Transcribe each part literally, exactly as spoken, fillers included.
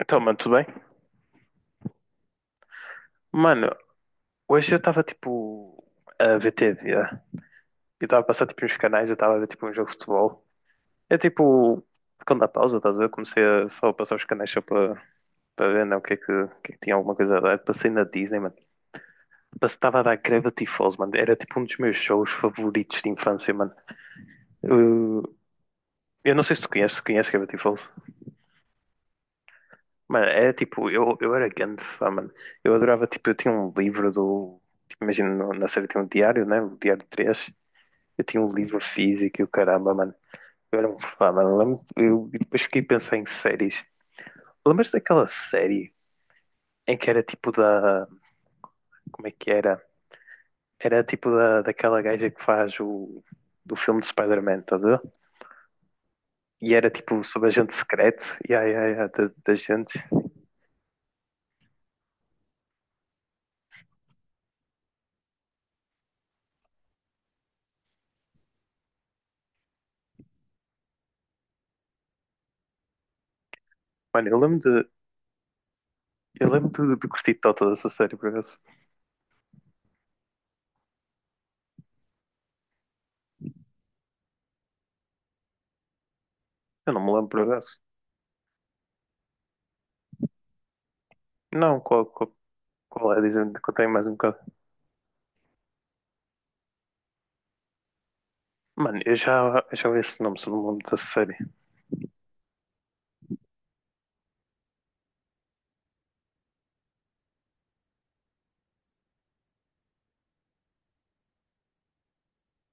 Então, mano, tudo bem? Mano, hoje eu estava tipo a ver T V. Eu estava a passar tipo uns canais, eu estava a ver tipo um jogo de futebol. É tipo, quando dá pausa, estás a ver? Comecei a só a passar os canais só para para ver, né, o que é que, o que é que tinha alguma coisa a dar. Passei na Disney, mano. Passei, estava a dar Gravity Falls, mano. Era tipo um dos meus shows favoritos de infância, mano. Eu, eu não sei se tu conheces, tu conheces Gravity Falls? Mano, é tipo, eu, eu era grande fã, mano. Eu adorava, tipo, eu tinha um livro do. Tipo, imagina, no- na série tem um diário, né? O Diário três. Eu tinha um livro físico e o caramba, mano. Eu era um fã, mano. Lembro- Eu e depois fiquei a pensar em séries. Lembras daquela série em que era tipo da. Como é que era? Era tipo da, daquela gaja que faz o. Do filme de Spider-Man, estás a ver? E era tipo sobre agente secreto. E ai, ai, ai, da, da gente. Mano, eu lembro de. Eu lembro de, de curtir toda dessa série, por acaso. Eu não me lembro, por acaso. Não, qual, qual, qual é? Dizendo que eu tenho mais um bocado. Mano, eu já, eu já ouvi esse nome, só não me lembro da série.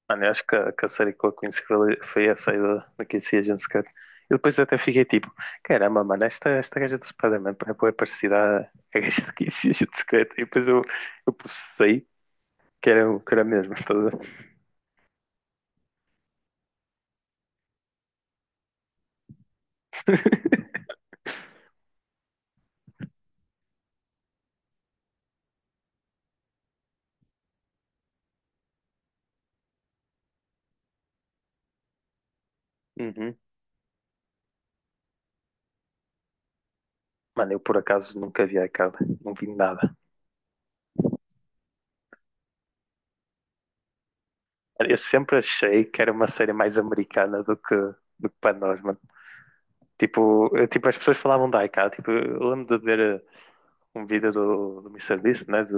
Mano, eu acho que a, que a série que eu conheci foi, foi essa aí da, da Casey Agents Cut. E depois até fiquei tipo, caramba, mano, esta, esta gaja do Spider-Man é bué parecida à à gaja da Casey Agents Cut. E depois eu, eu processei que era, o- que era mesmo, estás a ver? Uhum. Mano, eu por acaso nunca vi aquela, não vi nada. Eu sempre achei que era uma série mais americana do que, do que para nós, mano. Tipo, eu- tipo, as pessoas falavam da iCal, tipo, eu lembro de ver um vídeo do, do mister Beast, né? De,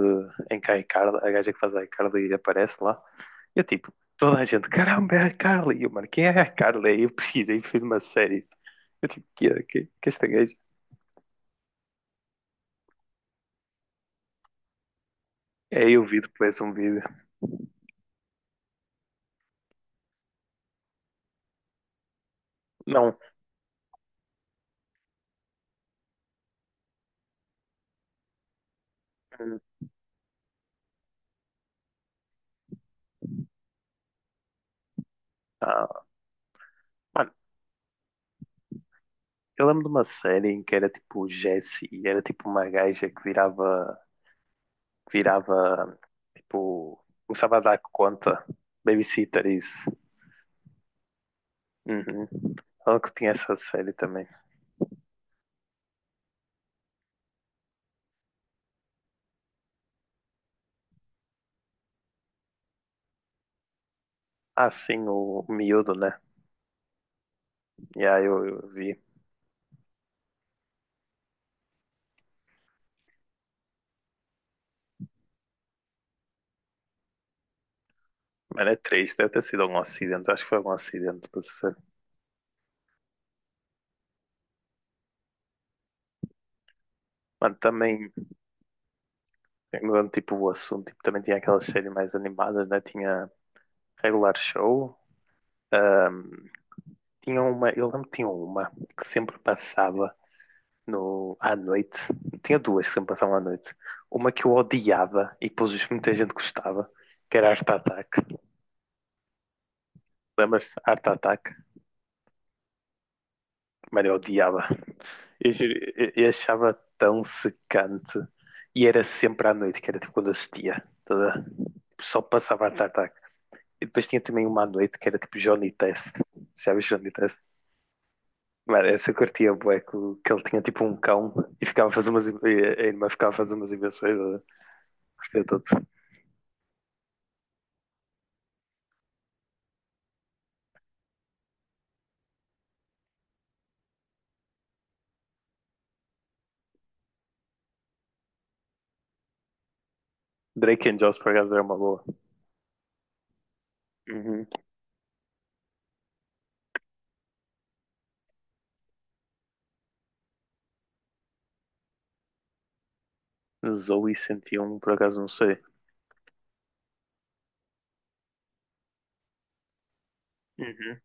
em que a Icarly, a gaja que faz a Icarly aparece lá. E eu tipo, toda a gente, caramba, é a Icarly. E eu, mano, quem é a Icarly? Aí eu pesquisei e fiz uma série. Eu tipo, que é, que, que é esta gaja? É eu vi depois um vídeo. Não, hum, ah, mano, eu lembro de uma série em que era tipo Jessie e era tipo uma gaja que virava que virava, tipo, começava a dar conta. Babysitter, isso. Uhum. Falando que tinha essa série também. Ah, sim, o, o Miúdo, né? E aí eu, eu vi. Mano, é triste, deve ter sido algum acidente. Acho que foi algum acidente, pra ser. Mano, também, mudando tipo o assunto, tipo, também tinha aquelas séries mais animadas, né? Tinha Regular Show. ahm, Tinha uma, eu lembro que tinha uma que sempre passava no, à noite. Tinha duas que sempre passavam à noite. Uma que eu odiava e depois muita gente gostava, que era Art Attack. Lembras-te? Art Attack? Mano, eu odiava. Eu, juro, eu- eu achava tão secante. E era sempre à noite, que era tipo quando assistia. Toda... Só passava Art Attack. E depois tinha também uma à noite que era tipo Johnny Test. Já viste Johnny Test? Mano, essa eu curtia bué, que, que ele tinha tipo um cão e ficava a fazer umas... e a irmã ficava a fazer umas invenções. Eh, todo Drake and Josh, por acaso, era uma boa. Uhum. Zoe um por acaso, não sei. Uhum.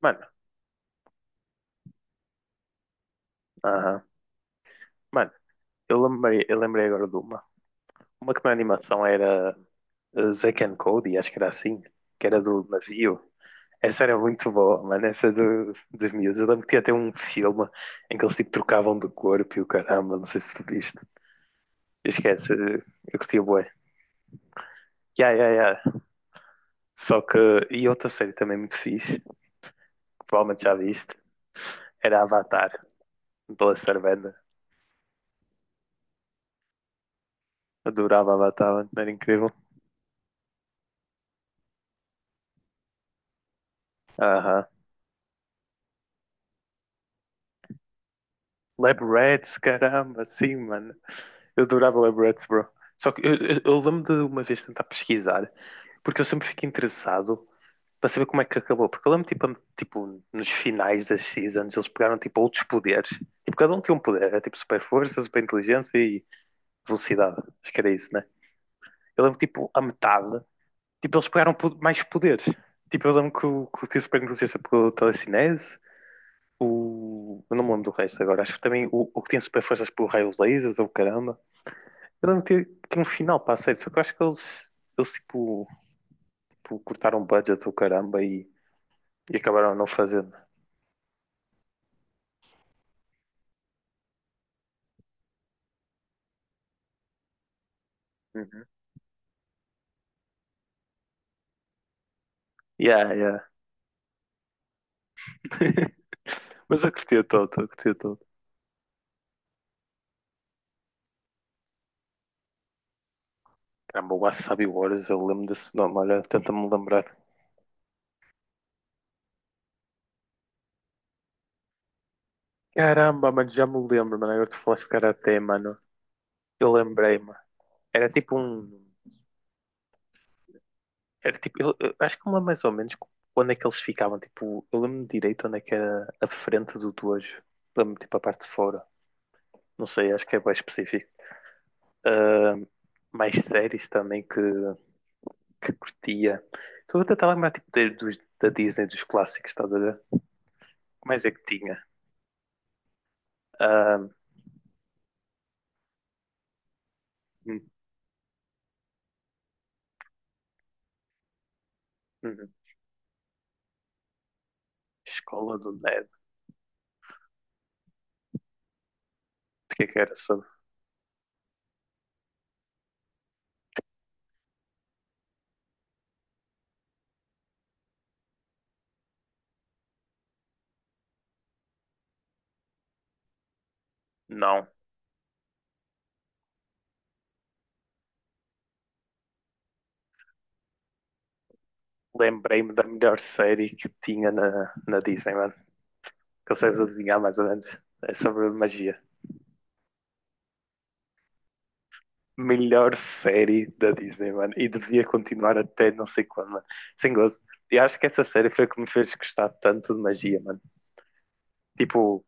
Mano, aham. Mano, eu lembrei, eu lembrei agora de uma. Uma que na animação era uh, Zack and Cody, acho que era assim, que era do navio. Essa era muito boa, mano, essa do, dos miúdos. Eu lembro que tinha até um filme em que eles tipo trocavam de corpo e o caramba, não sei se tu viste. Esquece, eu curtia bué. Ya, ya, ya. Só que, e outra série também muito fixe, que provavelmente já viste, era Avatar, do Lester Bender. Adorava Avatar, mano, era incrível. Aham. Lab Rats, caramba, sim, mano. Eu adorava Lab Rats, bro. Só que eu, eu, eu lembro de uma vez tentar pesquisar, porque eu sempre fico interessado para saber como é que acabou. Porque eu lembro, tipo, tipo nos finais das seasons, eles pegaram, tipo, outros poderes. Tipo, cada um tinha um poder. Era, tipo, super força, super inteligência e velocidade. Acho que era isso, né? Eu lembro, tipo, a metade tipo, eles pegaram po- mais poder. Tipo, eu lembro que o, que o Tio Super Negligência pegou telecinese, o... eu não me lembro do resto agora, acho que também o, o que tinha super forças pegou raios lasers ou caramba. Eu lembro que tinha, que tinha um final para a série, só que eu acho que eles, eles tipo, tipo, cortaram o budget ou caramba e, e acabaram não fazendo. Uhum. Yeah, yeah. Mas eu curti todo, eu curti todo. Caramba, o Wasabi Wars, eu lembro desse nome, olha, tenta-me lembrar. Caramba, mano, já me lembro, mano, agora tu falaste de Karate, mano. Eu lembrei-me. Era tipo um. Era tipo, eu, eu acho que me lembro mais ou menos onde é que eles ficavam. Tipo, eu lembro-me direito onde é que era a frente do dojo. Lembro-me tipo a parte de fora. Não sei, acho que é bem específico. Ah, mais séries também que, que curtia. Estou a tentar lembrar tipo, de- dos, da Disney, dos clássicos, estás a ver? O mais é que tinha? Ah, hum, hum. Escola do Ned. O que é que era sobre? Não. Lembrei-me da melhor série que tinha na, na Disney, mano. Consegues adivinhar mais ou menos? É sobre magia. Melhor série da Disney, mano. E devia continuar até não sei quando, mano. Sem gozo. E acho que essa série foi o que me fez gostar tanto de magia, mano. Tipo,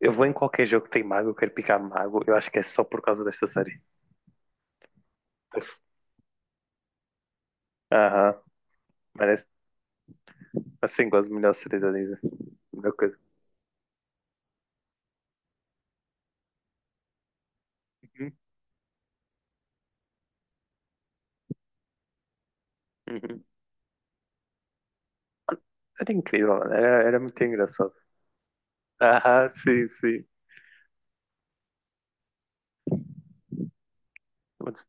eu vou em qualquer jogo que tem mago, eu quero picar mago. Eu acho que é só por causa desta série. Esse- Aham. Merece. Assim, gosto melhor série da Disney. Melhor coisa. Uhum, uhum. Mano, era incrível, mano. Era, era muito engraçado. Aham, sim, sim. Mas-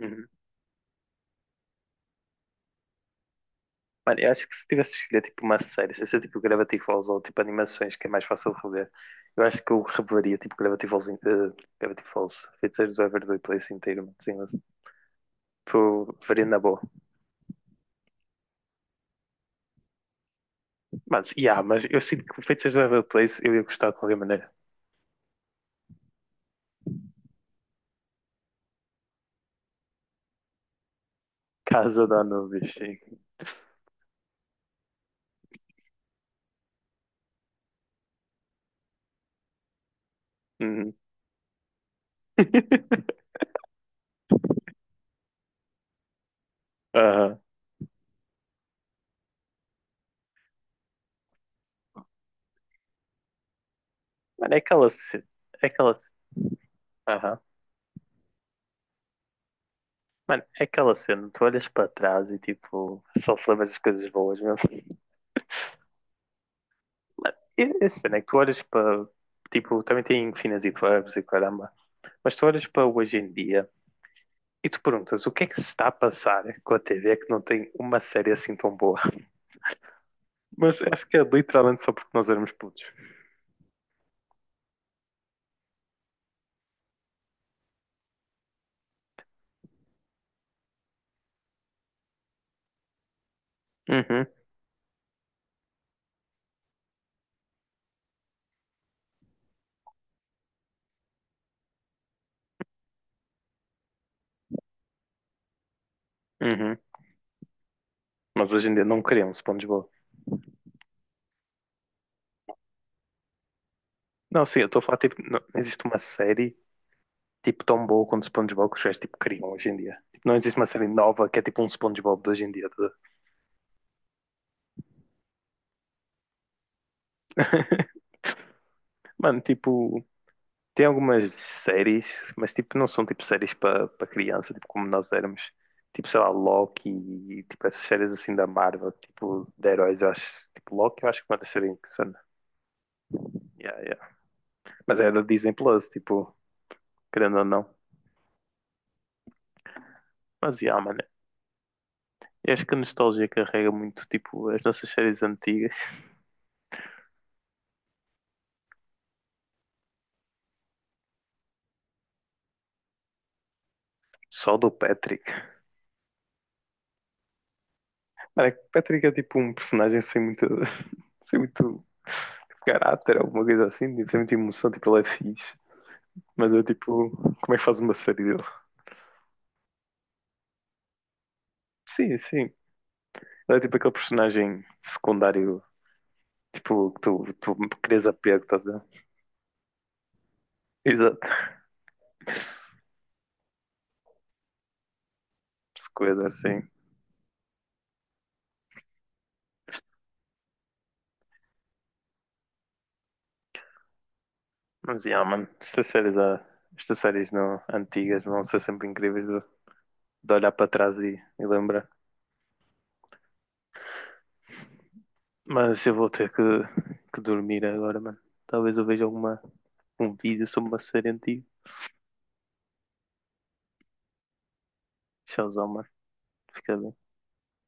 uhum. Mano, eu acho que se tivesse escolhido tipo uma série, sem ser tipo Gravity Falls ou tipo animações, que é mais fácil de rever, eu acho que eu reveria tipo Gravity Falls, in- eh, Gravity Falls, Feiticeiros do Waverly Place inteiro, mano, sim, mas, tipo, veria na boa. Mas, yeah, mas eu sinto que Feiticeiros do Waverly Place eu ia gostar de qualquer maneira. Casa da Anubis, sim. Uhum. Aham. Mano, é aquela cena, é aquela, cena, aham. Mano, é aquela cena, tu olhas para trás e tipo, só te lembras das coisas boas, mesmo. Essa cena é que tu olhas para. Tipo, também tem finas e verbos e caramba. Mas tu olhas para hoje em dia e tu perguntas o que é que se está a passar com a T V que não tem uma série assim tão boa. Mas acho que é literalmente só porque nós éramos putos. Uhum, uhum. Mas hoje em dia não queremos SpongeBob. Não, sim, eu estou a falar, tipo, não existe uma série tipo tão boa quanto SpongeBob que os gajos tipo criam hoje em dia. Tipo, não existe uma série nova que é tipo um SpongeBob de hoje em dia. Tá. Mano, tipo, tem algumas séries, mas tipo, não são tipo séries para para criança, tipo como nós éramos. Tipo, sei lá, Loki e tipo essas séries assim da Marvel, tipo de heróis, eu acho. Tipo, Loki eu acho que é uma das séries insana. Yeah, yeah. Mas é da Disney Plus, tipo, querendo ou não. Mas yeah, mano. Eu acho que a nostalgia carrega muito, tipo, as nossas séries antigas. Só do Patrick. Mano, é que o Patrick é tipo um personagem sem muito. Sem muito. Tipo, caráter, alguma coisa assim, tipo, sem muita emoção, tipo, ele é fixe. Mas eu, tipo, como é que faz uma série dele? Sim, sim. Ele é tipo aquele personagem secundário, tipo, que tu, tu querias apego, estás a ver? Exato. Se coisa assim. Mas, yeah, mano, estas séries, ah, estas séries não, antigas vão ser sempre incríveis de, de olhar para trás e, e lembrar. Mas eu vou ter que, que dormir agora, mano. Talvez eu veja alguma, um vídeo sobre uma série antiga. Tchauzão, mano. Fica bem.